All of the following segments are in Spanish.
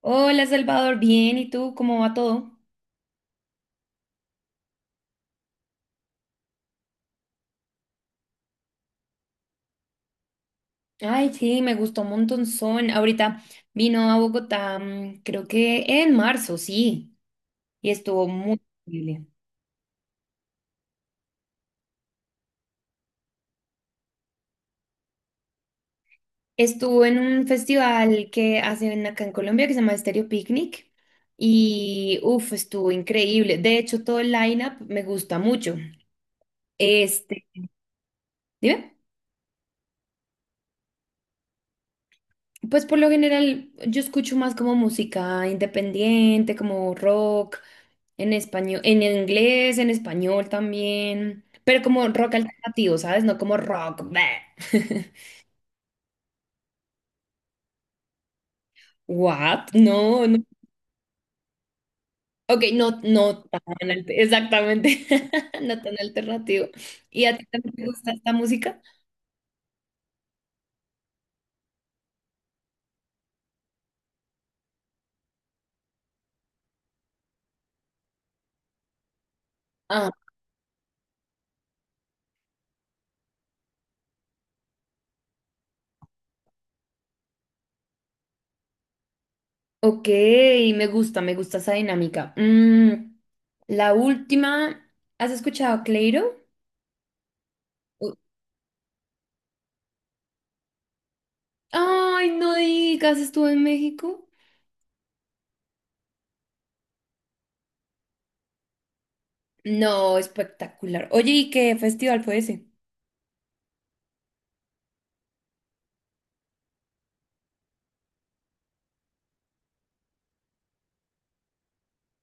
Hola Salvador, bien, ¿y tú cómo va todo? Ay, sí, me gustó un montonzón. Ahorita vino a Bogotá, creo que en marzo, sí, y estuvo muy increíble. Estuvo en un festival que hacen acá en Colombia que se llama Stereo Picnic y uff, estuvo increíble. De hecho, todo el lineup me gusta mucho. Este, dime. Pues por lo general yo escucho más como música independiente, como rock, en español, en inglés, en español también, pero como rock alternativo, ¿sabes? No como rock. Bleh. What? No, no. Ok, no, no tan exactamente, no tan alternativo. ¿Y a ti también te gusta esta música? Ah, ok, me gusta esa dinámica. La última, ¿has escuchado a Cleiro? Ay, no digas, estuve en México. No, espectacular. Oye, ¿y qué festival fue ese?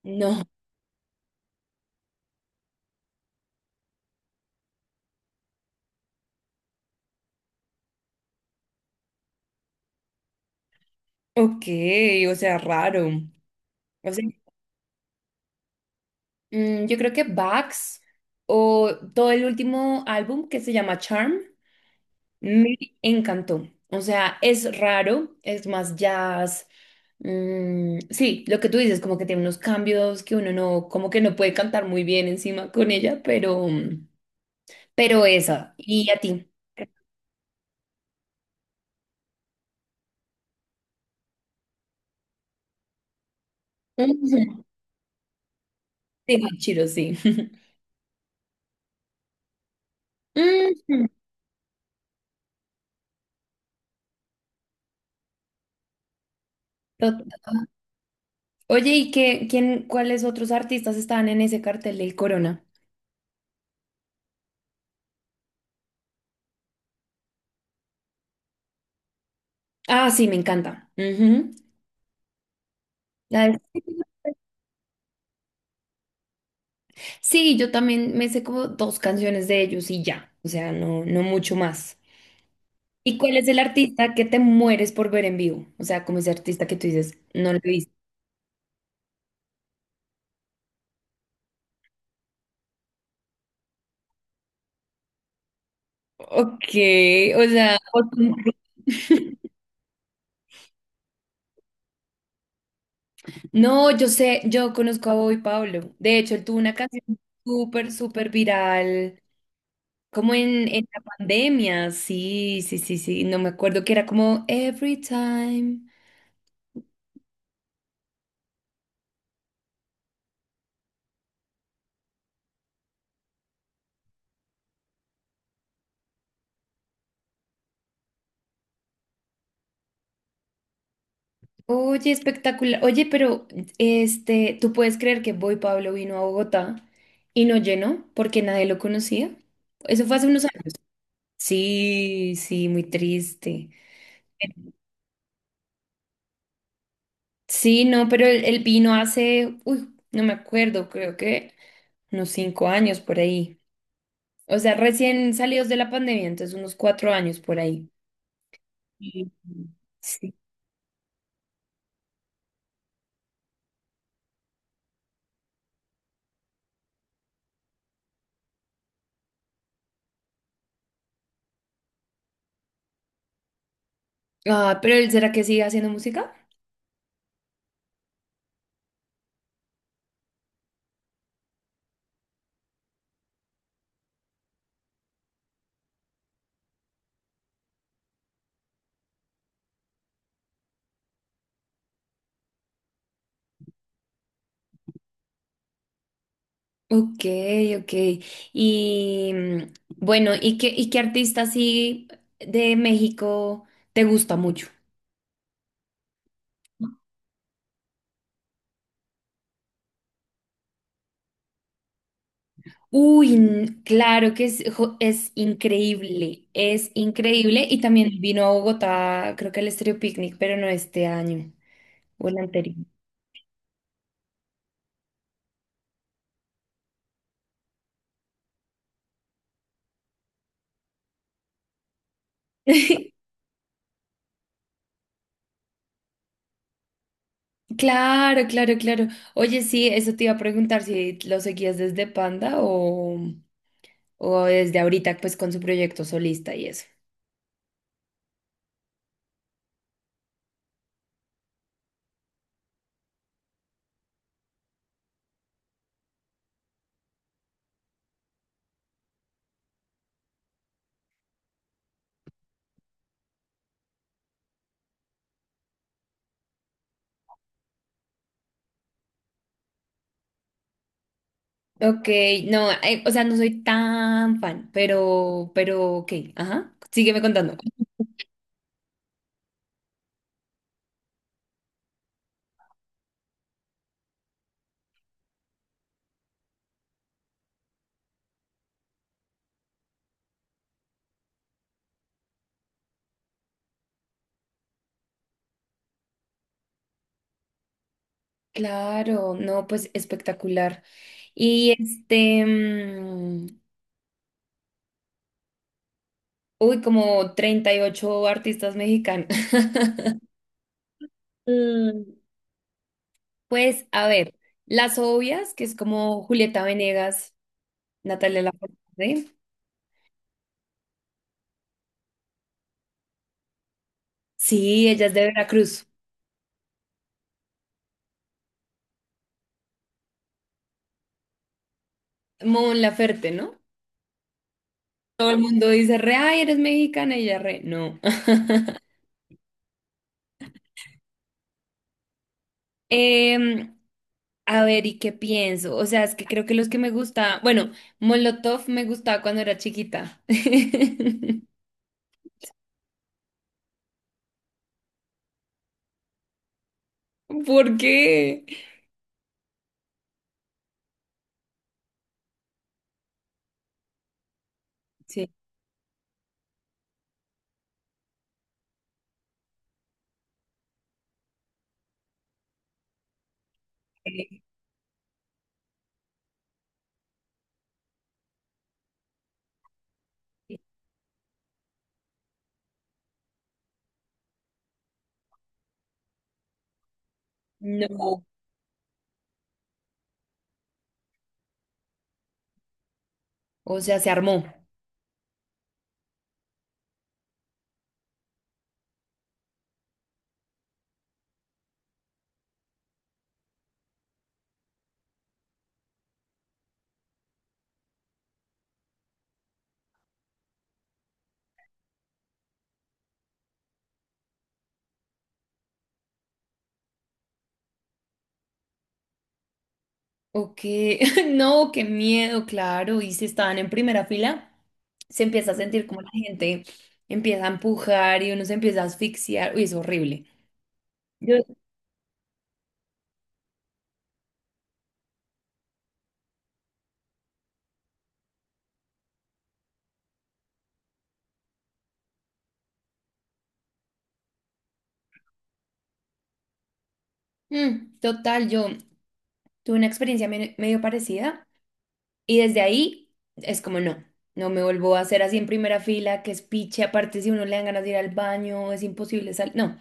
No. Ok, o sea, raro. O sea, yo creo que Bax o todo el último álbum que se llama Charm me encantó. O sea, es raro, es más jazz. Sí, lo que tú dices, como que tiene unos cambios que uno no, como que no puede cantar muy bien encima con ella, pero esa. ¿Y a ti? Ujú. Sí, Chiro, sí. Mm, total. Oye, ¿y qué, quién, cuáles otros artistas estaban en ese cartel del Corona? Ah, sí, me encanta. Ujú. La de- Sí, yo también me sé como dos canciones de ellos y ya. O sea, no, no mucho más. ¿Y cuál es el artista que te mueres por ver en vivo? O sea, como ese artista que tú dices, no lo he visto. Ok, o sea, no, yo sé, yo conozco a Boy Pablo. De hecho, él tuvo una canción súper, súper viral. Como en la pandemia, sí, sí, sí, sí, no me acuerdo que era como Every Time. Oye, espectacular. Oye, pero ¿tú puedes creer que Boy Pablo vino a Bogotá y no llenó porque nadie lo conocía? Eso fue hace unos años. Sí, sí, muy triste. Sí, no, pero él vino hace, uy, no me acuerdo, creo que unos 5 años por ahí. O sea, recién salidos de la pandemia, entonces unos 4 años por ahí. Sí. Ah, ¿pero él será que sigue haciendo música? Ok, ok. Y bueno, y qué artista así de México te gusta mucho? Uy, claro que es, es increíble, es increíble. Y también vino a Bogotá, creo que el Estéreo Picnic, pero no este año o el anterior. Claro, claro, claro. Oye, sí, eso te iba a preguntar si lo seguías desde Panda o desde ahorita, pues con su proyecto solista y eso. Ok, no, o sea, no soy tan fan, pero, ok, ajá, sígueme contando. Claro, no, pues espectacular. Y este, uy, como 38 artistas mexicanos. Mm, pues, a ver, las obvias, que es como Julieta Venegas, Natalia Lafourcade. Sí, ella es de Veracruz. Mon Laferte, ¿no? Todo el mundo dice, re, ay, eres mexicana, y ella re, no. Em, a ver, ¿y qué pienso? O sea, es que creo que los que me gusta, bueno, Molotov me gustaba cuando era chiquita. ¿Por qué? Sí. No, o sea, se armó. O qué, no, qué miedo, claro. Y si estaban en primera fila, se empieza a sentir como la gente empieza a empujar y uno se empieza a asfixiar. Uy, es horrible. Yo, total, yo tuve una experiencia medio parecida. Y desde ahí es como no, no me vuelvo a hacer así en primera fila, que es piche, aparte si uno le dan ganas de ir al baño, es imposible salir. No,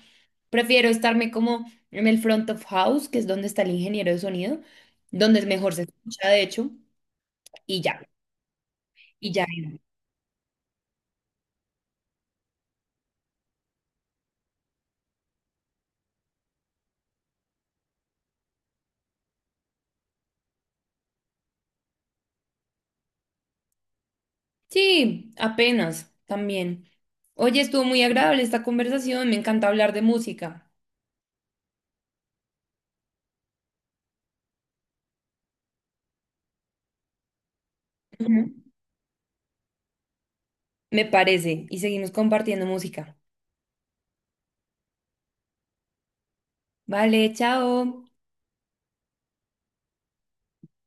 prefiero estarme como en el front of house, que es donde está el ingeniero de sonido, donde es mejor se escucha, de hecho, y ya, y ya. Sí, apenas también. Oye, estuvo muy agradable esta conversación, me encanta hablar de música. Ujú. Me parece, y seguimos compartiendo música. Vale, chao.